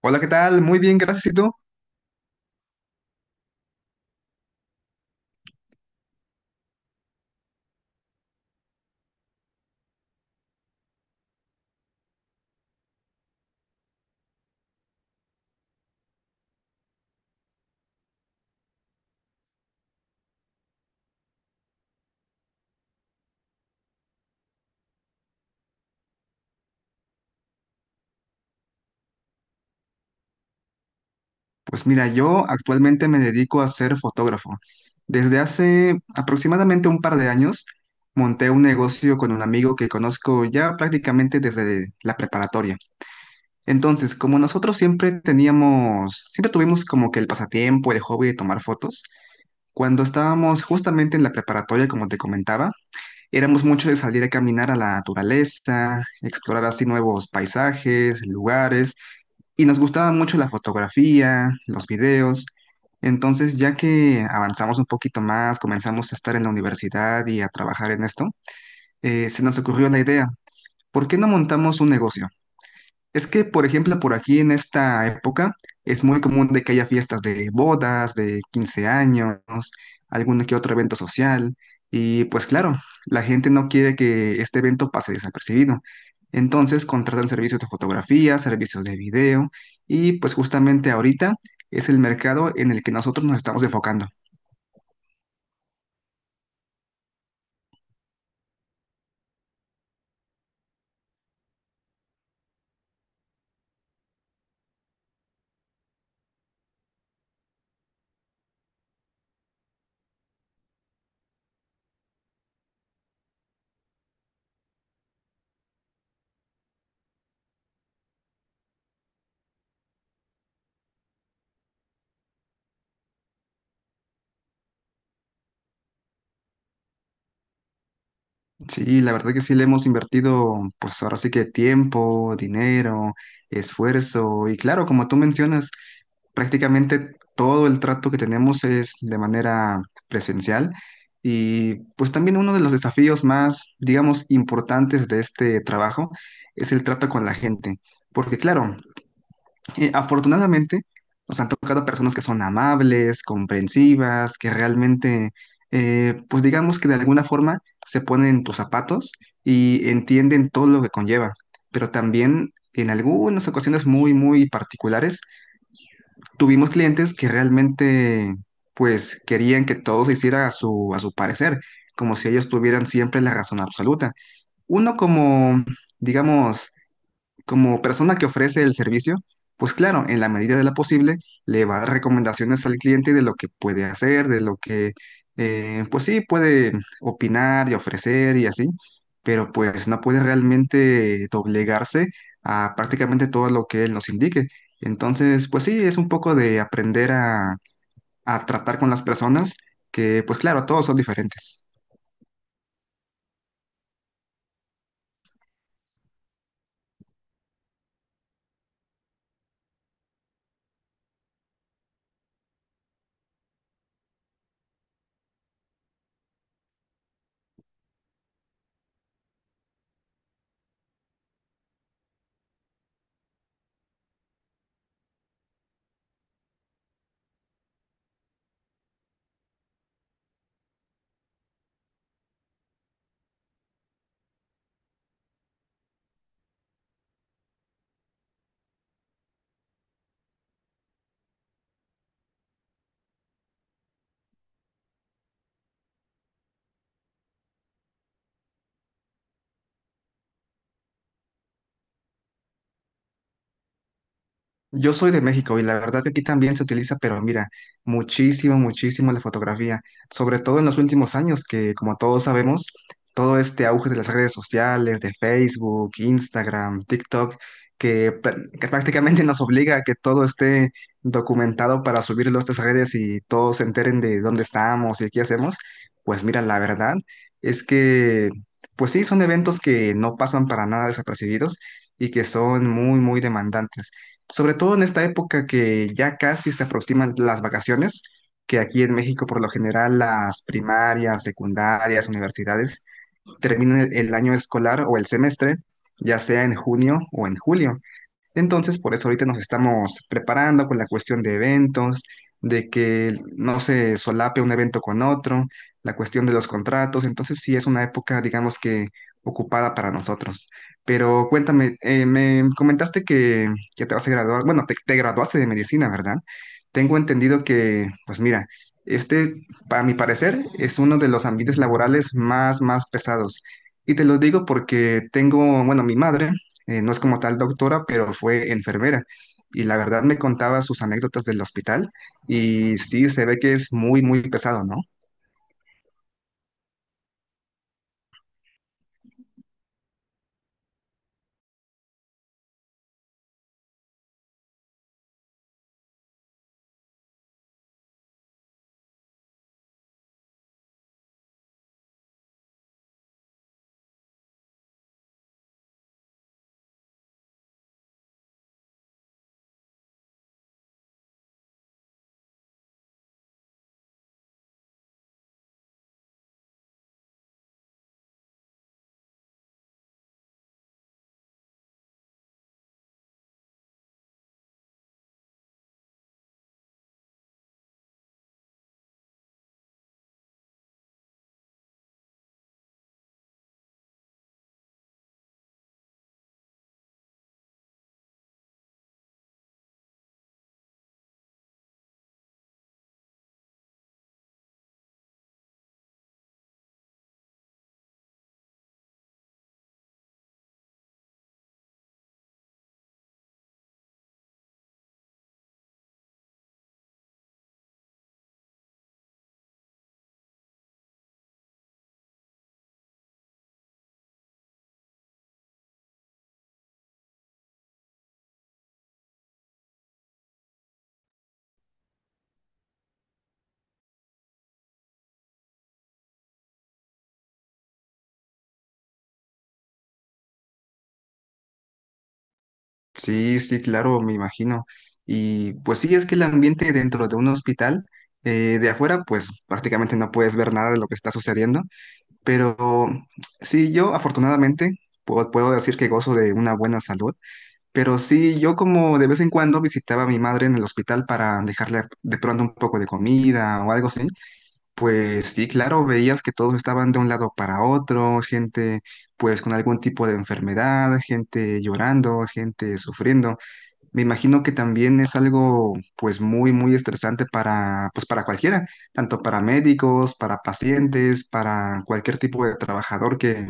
Hola, ¿qué tal? Muy bien, gracias. ¿Y tú? Pues mira, yo actualmente me dedico a ser fotógrafo. Desde hace aproximadamente un par de años monté un negocio con un amigo que conozco ya prácticamente desde la preparatoria. Entonces, como nosotros siempre tuvimos como que el pasatiempo, el hobby de tomar fotos, cuando estábamos justamente en la preparatoria, como te comentaba, éramos muchos de salir a caminar a la naturaleza, explorar así nuevos paisajes, lugares. Y nos gustaba mucho la fotografía, los videos. Entonces, ya que avanzamos un poquito más, comenzamos a estar en la universidad y a trabajar en esto, se nos ocurrió la idea, ¿por qué no montamos un negocio? Es que, por ejemplo, por aquí en esta época es muy común de que haya fiestas de bodas, de 15 años, algún que otro evento social. Y pues claro, la gente no quiere que este evento pase desapercibido. Entonces contratan servicios de fotografía, servicios de video y pues justamente ahorita es el mercado en el que nosotros nos estamos enfocando. Sí, la verdad que sí le hemos invertido pues ahora sí que tiempo, dinero, esfuerzo y claro, como tú mencionas. Prácticamente todo el trato que tenemos es de manera presencial y pues también uno de los desafíos más, digamos, importantes de este trabajo es el trato con la gente, porque claro, afortunadamente nos han tocado personas que son amables, comprensivas, que realmente, pues digamos que de alguna forma se ponen en tus zapatos y entienden todo lo que conlleva, pero también en algunas ocasiones muy, muy particulares tuvimos clientes que realmente pues querían que todo se hiciera a a su parecer, como si ellos tuvieran siempre la razón absoluta. Uno como, digamos, como persona que ofrece el servicio, pues claro, en la medida de lo posible le va a dar recomendaciones al cliente de lo que puede hacer, de lo pues sí, puede opinar y ofrecer y así, pero pues no puede realmente doblegarse a prácticamente todo lo que él nos indique. Entonces, pues sí, es un poco de a tratar con las personas que, pues claro, todos son diferentes. Yo soy de México y la verdad que aquí también se utiliza, pero mira, muchísimo, muchísimo la fotografía, sobre todo en los últimos años, que como todos sabemos, todo este auge de las redes sociales, de Facebook, Instagram, TikTok, que prácticamente nos obliga a que todo esté documentado para subirlo a estas redes y todos se enteren de dónde estamos y qué hacemos, pues mira, la verdad es que, pues sí, son eventos que no pasan para nada desapercibidos y que son muy, muy demandantes. Sobre todo en esta época que ya casi se aproximan las vacaciones, que aquí en México por lo general las primarias, secundarias, universidades terminan el año escolar o el semestre, ya sea en junio o en julio. Entonces, por eso ahorita nos estamos preparando con la cuestión de eventos, de que no se solape un evento con otro, la cuestión de los contratos. Entonces, sí es una época, digamos que ocupada para nosotros. Pero cuéntame, me comentaste que ya te vas a graduar, bueno, te graduaste de medicina, ¿verdad? Tengo entendido que, pues mira, este, para mi parecer, es uno de los ambientes laborales más, más pesados. Y te lo digo porque tengo, bueno, mi madre no es como tal doctora, pero fue enfermera. Y la verdad me contaba sus anécdotas del hospital y sí, se ve que es muy, muy pesado, ¿no? Sí, sí, claro, me imagino. Y pues sí, es que el ambiente dentro de un hospital, de afuera, pues prácticamente no puedes ver nada de lo que está sucediendo, pero sí, yo afortunadamente puedo decir que gozo de una buena salud, pero sí, yo como de vez en cuando visitaba a mi madre en el hospital para dejarle de pronto un poco de comida o algo así. Pues sí, claro, veías que todos estaban de un lado para otro, gente pues con algún tipo de enfermedad, gente llorando, gente sufriendo. Me imagino que también es algo pues muy, muy estresante para, pues, para cualquiera, tanto para médicos, para pacientes, para cualquier tipo de trabajador que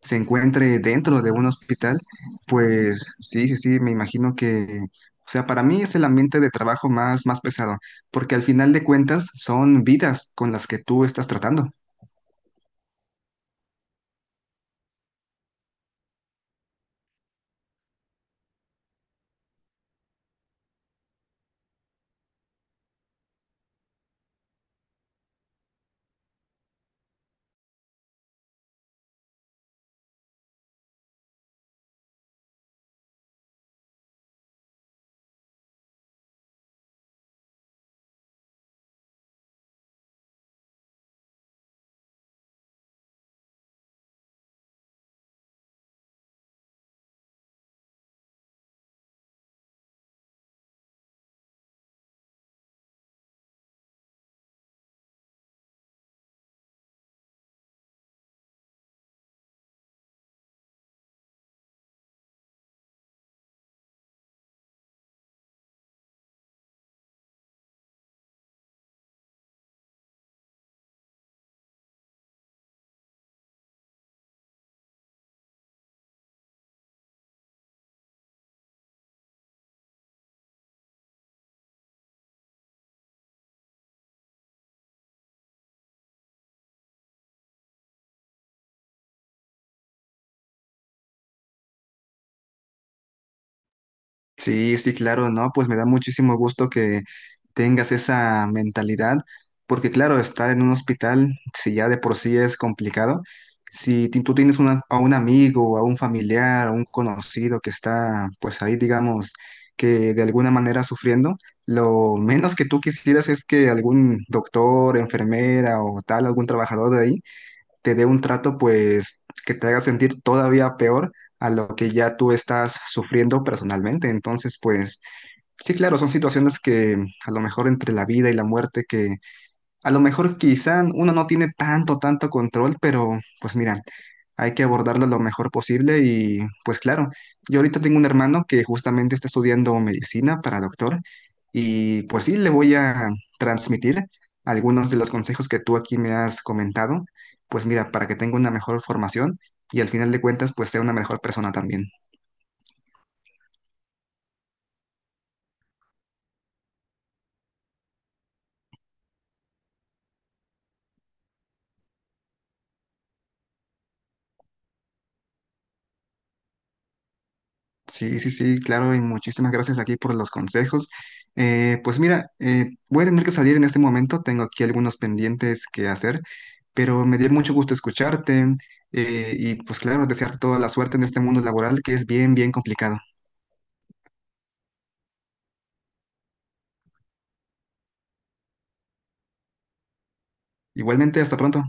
se encuentre dentro de un hospital. Pues sí, sí, sí, me imagino que, o sea, para mí es el ambiente de trabajo más, más pesado, porque al final de cuentas son vidas con las que tú estás tratando. Sí, sí, claro, ¿no? Pues me da muchísimo gusto que tengas esa mentalidad, porque claro, estar en un hospital, si ya de por sí es complicado, si tú tienes a un amigo, a un familiar, a un conocido que está, pues ahí, digamos, que de alguna manera sufriendo, lo menos que tú quisieras es que algún doctor, enfermera o tal, algún trabajador de ahí te dé un trato pues que te haga sentir todavía peor a lo que ya tú estás sufriendo personalmente. Entonces, pues sí, claro, son situaciones que a lo mejor entre la vida y la muerte que a lo mejor quizá uno no tiene tanto, tanto control, pero pues mira, hay que abordarlo lo mejor posible y pues claro, yo ahorita tengo un hermano que justamente está estudiando medicina para doctor y pues sí, le voy a transmitir algunos de los consejos que tú aquí me has comentado, pues mira, para que tenga una mejor formación y al final de cuentas pues sea una mejor persona también. Sí, sí, sí, claro, y muchísimas gracias aquí por los consejos. Pues mira, voy a tener que salir en este momento, tengo aquí algunos pendientes que hacer, pero me dio mucho gusto escucharte y pues claro, desearte toda la suerte en este mundo laboral que es bien, bien complicado. Igualmente, hasta pronto.